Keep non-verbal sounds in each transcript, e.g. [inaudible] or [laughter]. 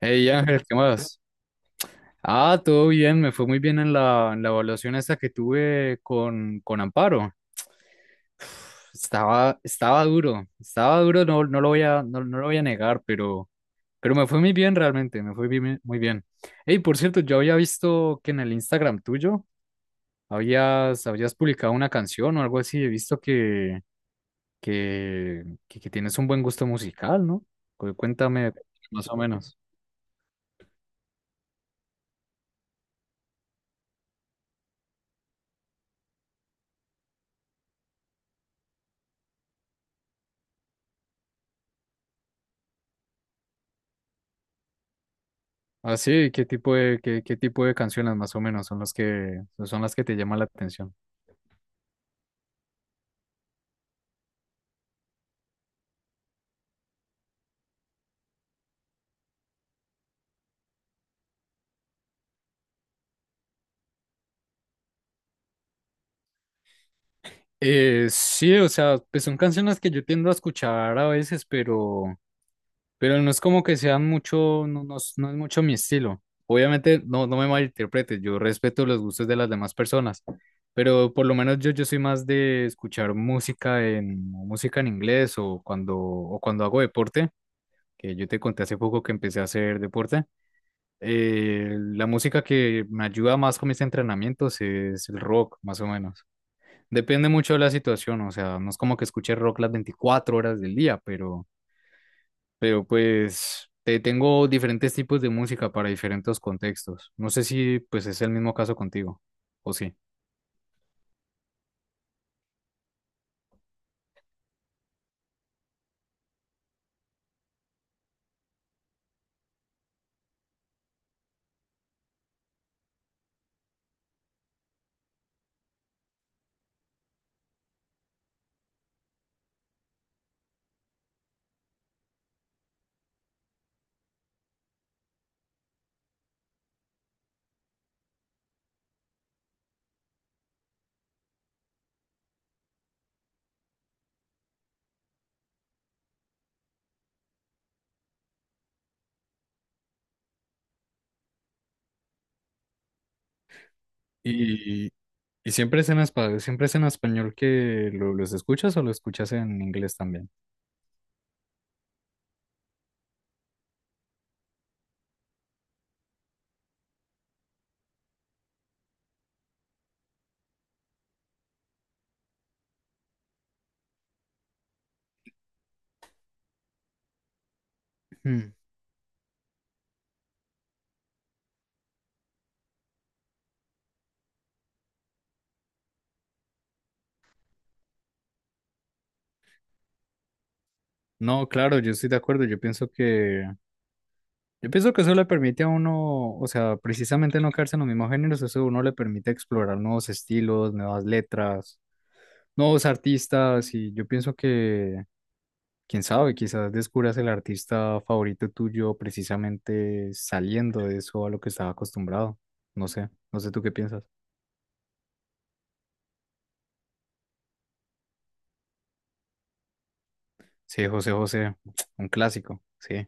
Hey Ángel, ¿qué más? Todo bien, me fue muy bien en en la evaluación esta que tuve con Amparo. [sighs] Estaba duro, no lo voy a no, no lo voy a negar, pero me fue muy bien realmente, muy bien. Hey, por cierto, yo había visto que en el Instagram tuyo habías publicado una canción o algo así, he visto que tienes un buen gusto musical, ¿no? Cuéntame más o menos. Ah, sí, ¿qué tipo de, qué tipo de canciones más o menos son las que te llaman la atención? Sí, o sea, pues son canciones que yo tiendo a escuchar a veces, pero no es como que sean mucho, no es mucho mi estilo. Obviamente, no me malinterpretes, yo respeto los gustos de las demás personas, pero por lo menos yo soy más de escuchar música en inglés o o cuando hago deporte, que yo te conté hace poco que empecé a hacer deporte. La música que me ayuda más con mis entrenamientos es el rock, más o menos. Depende mucho de la situación, o sea, no es como que escuche rock las 24 horas del día, pero pues tengo diferentes tipos de música para diferentes contextos. No sé si pues es el mismo caso contigo, o sí. Y, y siempre es en español, siempre es en español que los escuchas o lo escuchas en inglés también. Hmm. No, claro, yo estoy de acuerdo. Yo pienso que eso le permite a uno, o sea, precisamente no quedarse en los mismos géneros, eso a uno le permite explorar nuevos estilos, nuevas letras, nuevos artistas, y yo pienso que quién sabe, quizás descubras el artista favorito tuyo precisamente saliendo de eso a lo que estaba acostumbrado. No sé tú qué piensas. Sí, José José, [tsk] un clásico, sí,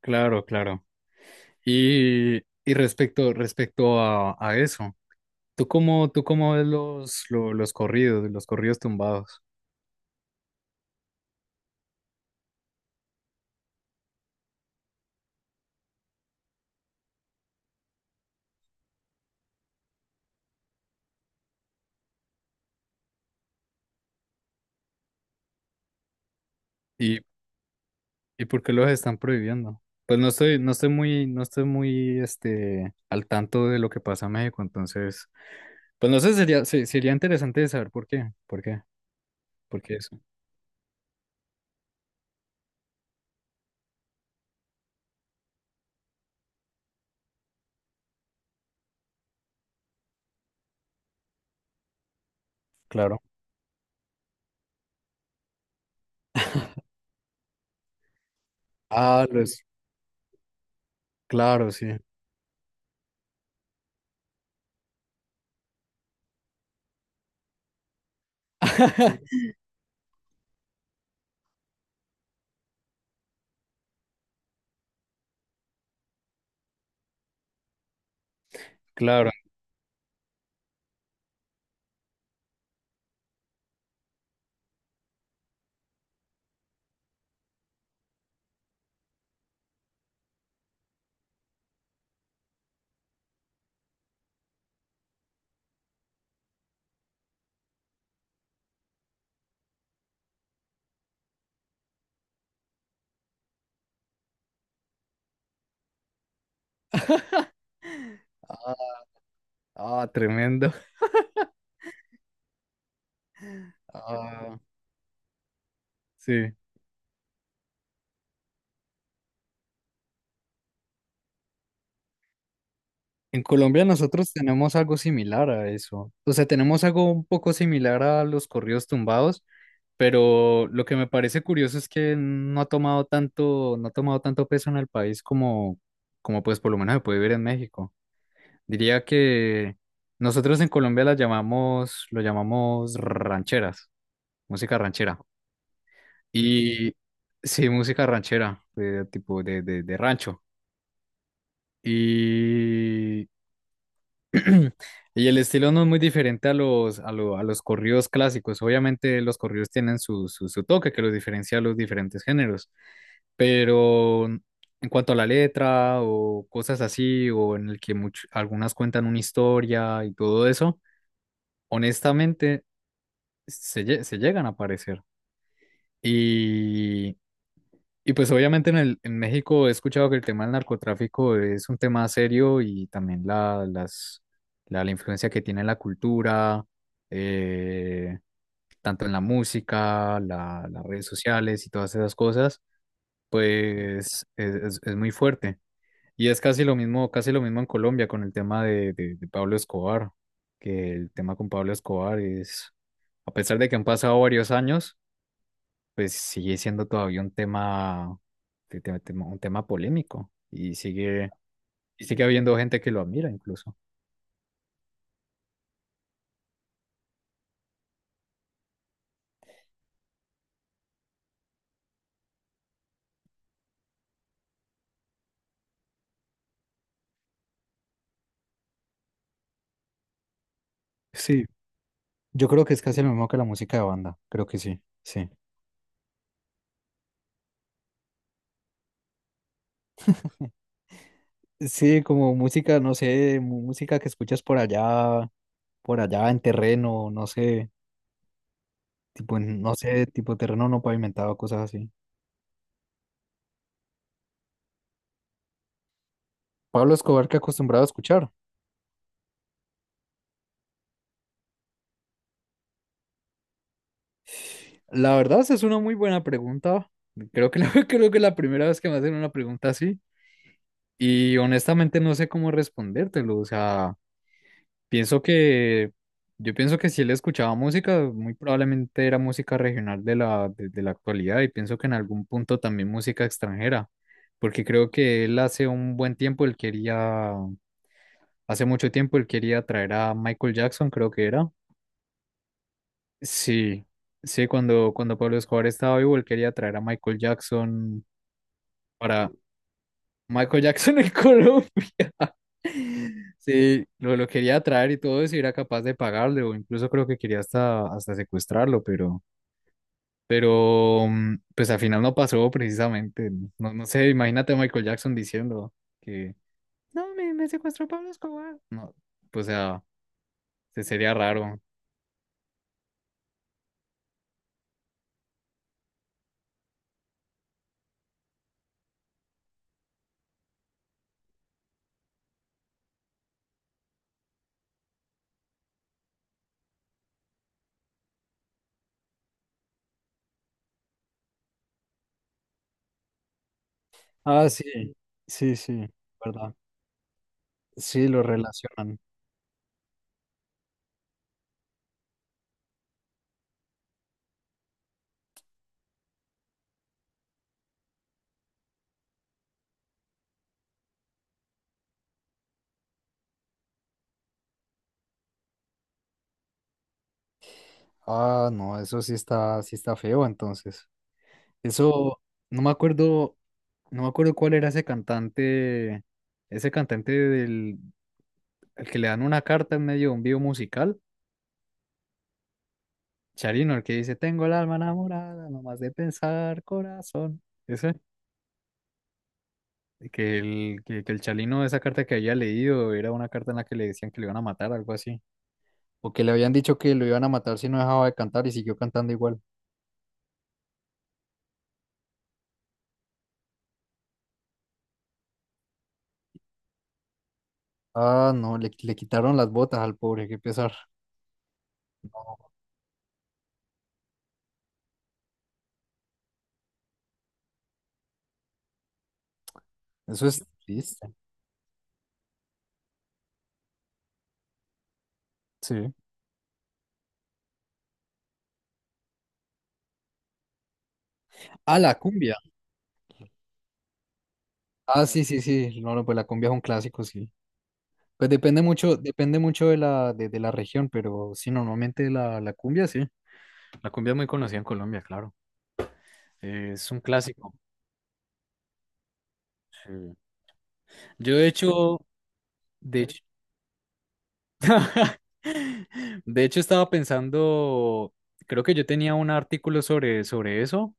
claro, claro. Y, y respecto, respecto a eso, tú cómo ves los corridos tumbados? ¿Y, ¿y por qué los están prohibiendo? Pues no estoy muy, no estoy muy, este, al tanto de lo que pasa en México, entonces, pues no sé, sería interesante saber por qué, por qué eso. Claro. Ah, los, claro, sí. [laughs] Claro. [laughs] Ah, ah, tremendo. Ah, sí. En Colombia nosotros tenemos algo similar a eso. O sea, tenemos algo un poco similar a los corridos tumbados, pero lo que me parece curioso es que no ha tomado tanto, no ha tomado tanto peso en el país como, como pues por lo menos se puede ver en México. Diría que nosotros en Colombia lo llamamos rancheras, música ranchera. Y sí, música ranchera, de tipo de rancho. Y, [clears throat] y el estilo no es muy diferente a a los corridos clásicos. Obviamente los corridos tienen su toque que los diferencia a los diferentes géneros. Pero en cuanto a la letra o cosas así, o en el que algunas cuentan una historia y todo eso, honestamente se llegan a parecer. Y, y pues obviamente en en México he escuchado que el tema del narcotráfico es un tema serio y también la influencia que tiene en la cultura, eh, tanto en la música, las redes sociales y todas esas cosas, pues es muy fuerte. Y es casi lo mismo en Colombia con el tema de Pablo Escobar, que el tema con Pablo Escobar es, a pesar de que han pasado varios años, pues sigue siendo todavía un tema, un tema polémico y sigue habiendo gente que lo admira incluso. Sí, yo creo que es casi lo mismo que la música de banda, creo que sí, sí. Sí, como música, no sé, música que escuchas por allá en terreno, no sé, no sé, tipo terreno no pavimentado, cosas así. Pablo Escobar que acostumbraba a escuchar. La verdad, esa es una muy buena pregunta. [laughs] Creo que es la primera vez que me hacen una pregunta así. Y honestamente no sé cómo respondértelo. O sea, pienso que, yo pienso que si él escuchaba música, muy probablemente era música regional de la, de la actualidad. Y pienso que en algún punto también música extranjera. Porque creo que él hace un buen tiempo, hace mucho tiempo, él quería traer a Michael Jackson, creo que era. Sí, sí, cuando Pablo Escobar estaba vivo, él quería traer a Michael Jackson para Michael Jackson en [laughs] Colombia. Sí, lo quería traer y todo eso, y era capaz de pagarle, o incluso creo que quería hasta secuestrarlo, pero mm, pues al final no pasó precisamente. No, no sé, imagínate a Michael Jackson diciendo que no, me secuestró Pablo Escobar. No, pues o sea, sería raro. Ah, sí, sí, sí, verdad. Sí, lo relacionan. Ah, no, eso sí está feo, entonces. Eso, no me acuerdo, no me acuerdo cuál era ese cantante al que le dan una carta en medio de un video musical, Charino, el que dice, tengo el alma enamorada, nomás de pensar, corazón. Ese, que el Chalino, esa carta que había leído, era una carta en la que le decían que le iban a matar, algo así. O que le habían dicho que lo iban a matar si no dejaba de cantar y siguió cantando igual. Ah, no, le quitaron las botas al pobre, qué pesar. Eso es triste. Sí. Ah, la cumbia. Ah, sí, sí, sí. No, no, pues la cumbia es un clásico, sí. Pues depende mucho de de la región, pero sí, normalmente la cumbia, sí. La cumbia es muy conocida en Colombia, claro. Es un clásico. Sí. Yo de hecho, de hecho, [laughs] de hecho estaba pensando, creo que yo tenía un artículo sobre, sobre eso.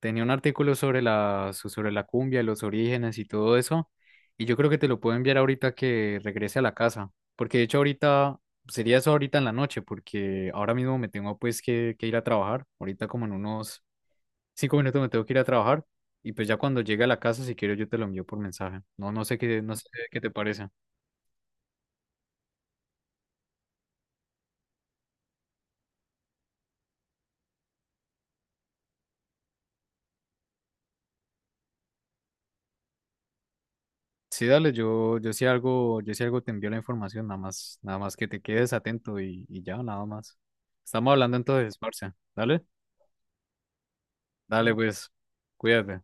Tenía un artículo sobre sobre la cumbia, los orígenes y todo eso. Y yo creo que te lo puedo enviar ahorita que regrese a la casa. Porque de hecho ahorita, sería eso ahorita en la noche, porque ahora mismo me tengo pues que ir a trabajar. Ahorita como en unos 5 minutos me tengo que ir a trabajar. Y pues ya cuando llegue a la casa, si quiero yo te lo envío por mensaje. No sé qué te parece. Sí, dale, yo si algo te envío la información, nada más, nada más que te quedes atento y ya, nada más. Estamos hablando entonces, Marcia. Dale. Dale, pues, cuídate.